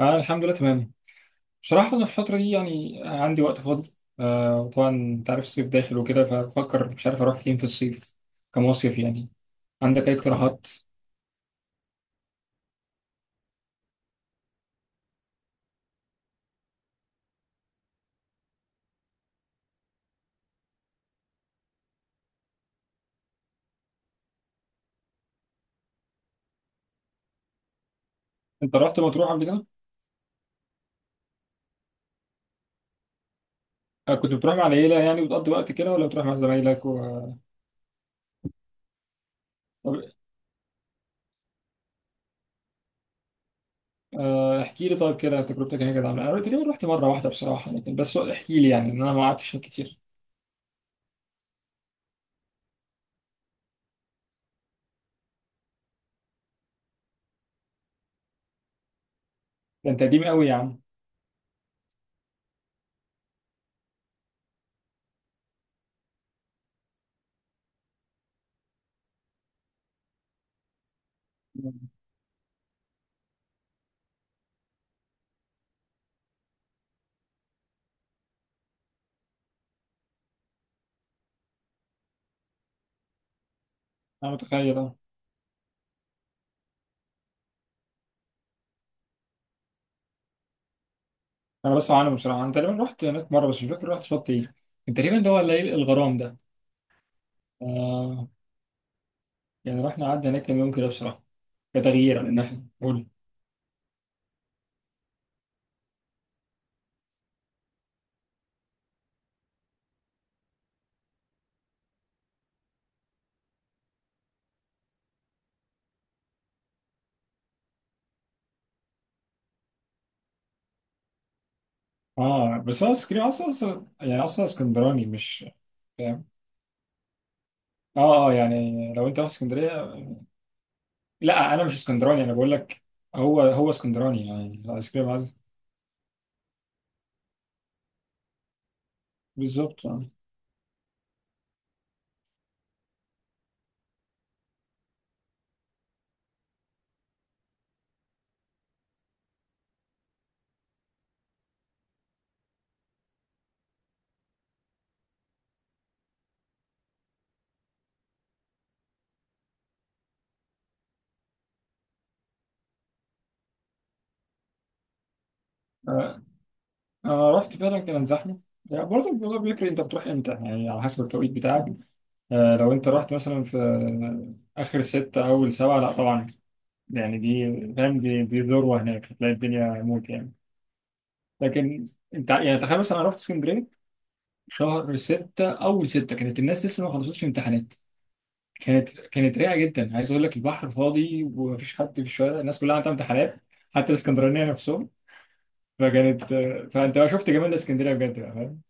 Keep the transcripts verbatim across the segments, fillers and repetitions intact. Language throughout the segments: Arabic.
آه، الحمد لله تمام. بصراحة أنا في الفترة دي يعني عندي وقت فاضي. آه وطبعا أنت عارف الصيف داخل وكده، فبفكر مش عارف أروح فين في الصيف، كمصيف يعني. عندك أي اقتراحات؟ أنت رحت مطروح قبل كده؟ آه، كنت بتروح مع العيلة يعني وتقضي وقت كده ولا بتروح مع زمايلك؟ و... طب. آه احكي لي طيب كده، تجربتك هناك كانت عاملة إيه؟ أنا تقريبا رحت مرة واحدة بصراحة، لكن بس احكي لي يعني، إن أنا ما قعدتش هناك كتير. ده أنت قديم قوي يا عم. أنا متخيل، أه. أنا بسمع عنه بصراحة، أنا تقريبا رحت هناك مرة بس مش فاكر رحت شط إيه. كان تقريبا اللي هو الليل الغرام ده. آه يعني رحنا قعدنا هناك كام يوم كده بصراحة، كتغيير لأن إحنا قول. آه بس هو اسكندرية أصلا، أصلا يعني، أصلا اسكندراني مش فاهم. آه آه يعني لو أنت رحت اسكندرية. لا أنا مش اسكندراني أنا بقول لك. هو هو اسكندراني يعني، الآيس كريم عايز. بالظبط، آه. آه، أنا رحت فعلا كان زحمة، يعني برضه الموضوع بيفرق أنت بتروح إمتى، يعني على حسب التوقيت بتاعك. آه، لو أنت رحت مثلا في، آه، آخر ستة أول سبعة، لا طبعا. يعني دي فاهم، دي دي ذروة، هناك هتلاقي الدنيا موت يعني. لكن انت يعني تخيل، مثلا انا رحت اسكندريه شهر ستة اول ستة، كانت الناس لسه ما خلصتش امتحانات. كانت كانت رايقه جدا، عايز اقول لك البحر فاضي ومفيش حد في الشوارع، الناس كلها عندها امتحانات، حتى الاسكندرانيه نفسهم. فكانت، فانت بقى شفت جمال اسكندريه بجد بقى، فاهم؟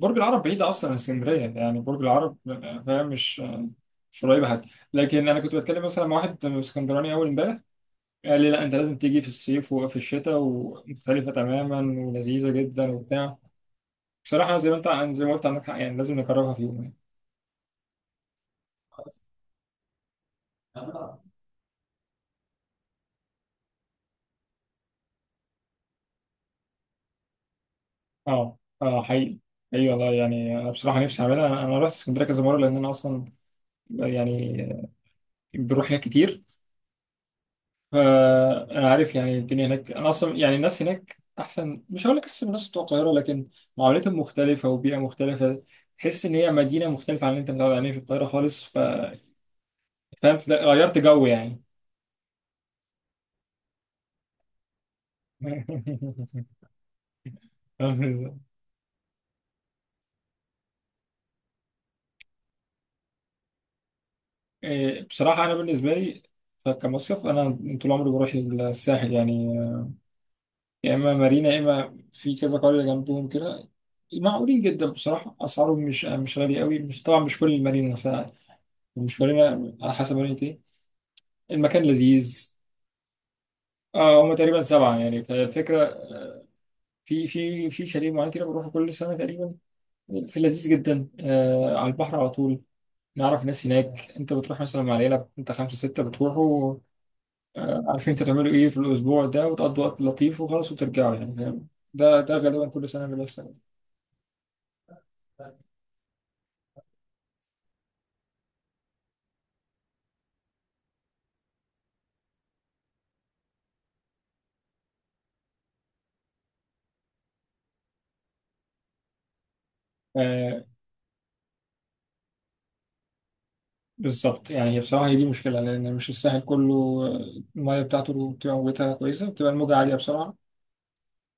برج العرب بعيد اصلا عن اسكندريه، يعني برج العرب فاهم، مش مش قريبه حتى. لكن انا كنت بتكلم مثلا مع واحد اسكندراني اول امبارح، قال لي لا انت لازم تيجي في الصيف وفي الشتاء، ومختلفه تماما ولذيذه جدا وبتاع. بصراحة زي ما انت زي ما قلت عندك حق، يعني لازم نكررها في يوم يعني. اه اه حقيقي. ايوه والله، يعني انا بصراحة نفسي اعملها، انا أنا رحت اسكندرية كذا مرة لان انا اصلا يعني بروح هناك كتير. فانا عارف يعني الدنيا هناك، انا اصلا يعني الناس هناك احسن، مش هقول لك احسن من الناس بتوع القاهرة، لكن معاملتهم مختلفة وبيئة مختلفة. تحس ان هي مدينة مختلفة عن اللي انت متعود عليه في القاهرة خالص، ف، فاهم غيرت جو يعني. إيه، بصراحة أنا بالنسبة لي كمصيف، أنا طول عمري بروح الساحل يعني، يا إما مارينا يا إما في كذا قرية جنبهم كده. معقولين جدا بصراحة، أسعارهم مش مش غالية قوي، مش طبعا مش كل المارينا نفسها، مش مارينا على حسب مارينا إيه. المكان لذيذ. آه، هما تقريبا سبعة يعني، فالفكرة في في في شاليه معين كده بروحه كل سنة تقريبا، في لذيذ جدا آه، على البحر على طول. نعرف ناس هناك، أنت بتروح مثلا مع العيلة أنت خمسة ستة بتروحوا. آه، عارفين انت تعملوا ايه في الاسبوع ده وتقضوا وقت لطيف وخلاص وترجعوا يعني، فاهم. ده ده غالبا كل سنه اللي بيحصل. آه، بالظبط، يعني هي بصراحه هي دي مشكله، لان مش الساحل كله، آه، الميه بتاعته بتبقى موجتها كويسه، بتبقى الموجه عاليه بسرعه.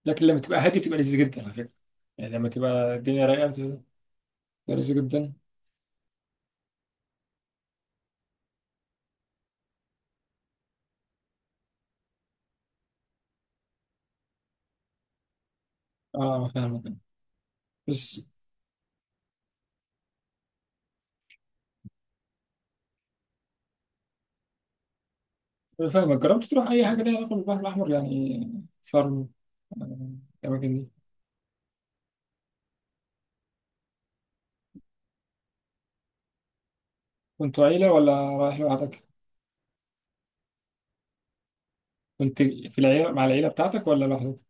لكن لما تبقى هاديه بتبقى لذيذه جدا على فكره، يعني لما تبقى الدنيا رايقه بتبقى لذيذه جدا. اه فاهمك. بس فاهمك، جربت تروح اي حاجه ليها علاقه بالبحر الاحمر، يعني شرم، آه، الاماكن دي. كنتوا عيله ولا رايح لوحدك؟ كنت في العيلة، مع العيلة بتاعتك ولا لوحدك؟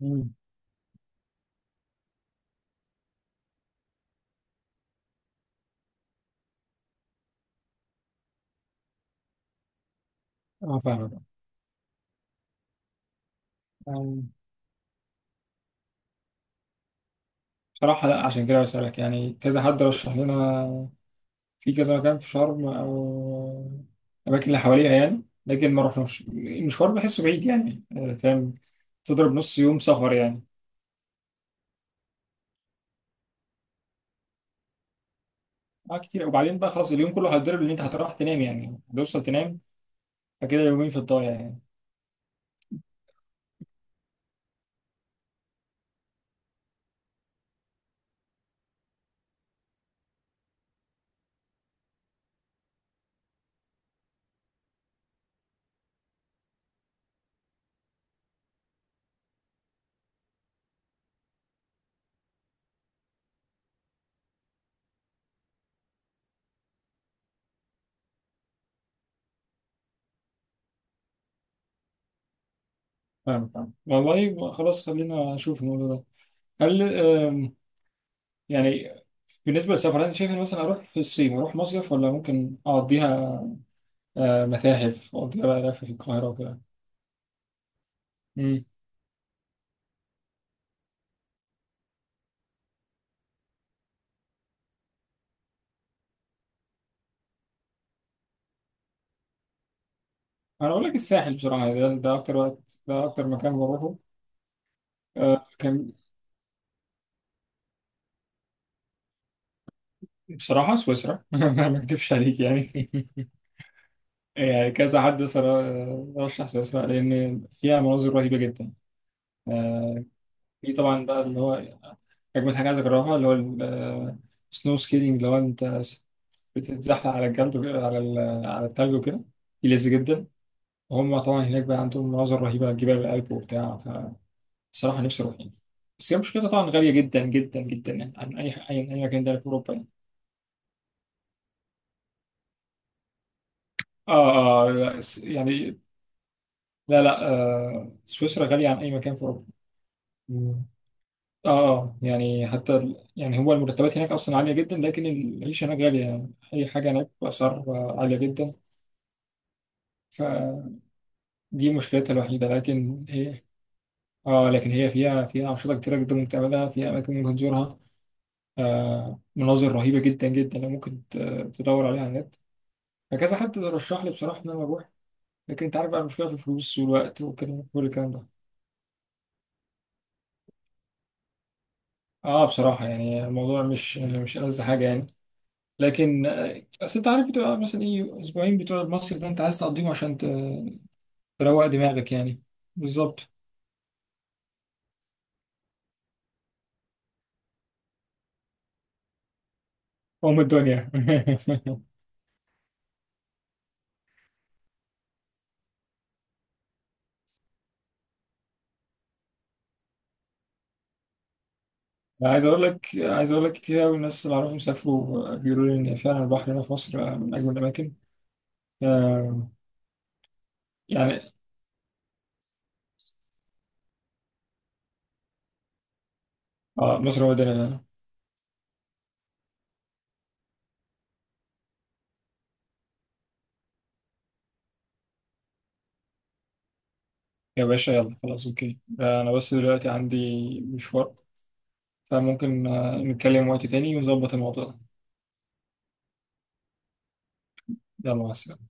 مم. اه فاهمك. آه، بصراحة لا، عشان كده بسألك، يعني كذا حد رشح لنا في كذا مكان في شرم أو الأماكن اللي حواليها يعني، لكن ما رحناش، المشوار بحسه بعيد يعني، آه، فاهم. تضرب نص يوم سفر يعني. اه كتير، وبعدين بقى خلاص اليوم كله هتضرب، ان انت هتروح تنام يعني، هتوصل تنام، فكده يومين في الضايع يعني. فاهم فاهم، والله خلاص خلينا نشوف الموضوع ده. هل آم، يعني، بالنسبة للسفر، أنت شايف إن مثلا أروح في الصيف، أروح مصيف ولا ممكن أقضيها، آه، متاحف، أقضيها بقى لف في القاهرة وكده. مم. أنا أقول لك الساحل بصراحة يعني، ده, ده أكتر وقت، ده أكتر مكان بروحه. آه، كان بصراحة سويسرا، ما ما أكدبش عليك يعني. يعني كذا حد صرا- آه، رشح سويسرا، لأن فيها مناظر رهيبة جدا. آه، في طبعا بقى اللي هو أجمل حاجة عايز أجربها، اللي هو السنو سكيلينج، اللي هو أنت بتتزحلق على الجلد، وكده- على ال- على التلج وكده، دي لذيذ جدا. هم طبعا هناك بقى عندهم مناظر رهيبة على جبال الألب وبتاع. فالصراحة نفسي أروح يعني. بس هي مشكلتها طبعا غالية جدا جدا جدا، يعني عن أي أي أي مكان تاني في أوروبا يعني. آه آه لا س- يعني، لا لا، آه سويسرا غالية عن أي مكان في أوروبا. مم. آه آه يعني حتى ال- يعني هو المرتبات هناك أصلا عالية جدا، لكن العيشة هناك غالية، يعني أي حاجة هناك بأسعار، آه، عالية جدا. فدي مشكلتها الوحيدة لكن هي. آه لكن هي فيها فيها أنشطة كتيرة جدا ممكن تعملها، فيها أماكن ممكن تزورها، آه، مناظر رهيبة جدا جدا، لو ممكن ت- تدور عليها على النت. فكذا حد رشح لي بصراحة إن أنا أروح، لكن أنت عارف بقى المشكلة في الفلوس والوقت وكده كل الكلام ده. أه بصراحة يعني الموضوع مش مش ألذ حاجة يعني. لكن آه، أصل أنت عارف بتبقى مثلا إيه أسبوعين بتوع المصيف ده، أنت عايز تقضيهم عشان ت- تروق دماغك يعني. بالظبط. أم الدنيا. عايز أقول لك عايز أقول لك كتير أوي، الناس اللي أعرفهم سافروا بيقولوا لي إن فعلا البحر هنا في مصر، آه، من أجمل الأماكن. آه، يعني اه، مصر هو ده. يا باشا يلا خلاص اوكي، آه، انا بس دلوقتي عندي مشوار، فممكن آه، نتكلم وقت تاني ونظبط الموضوع ده. يلا مع السلامة.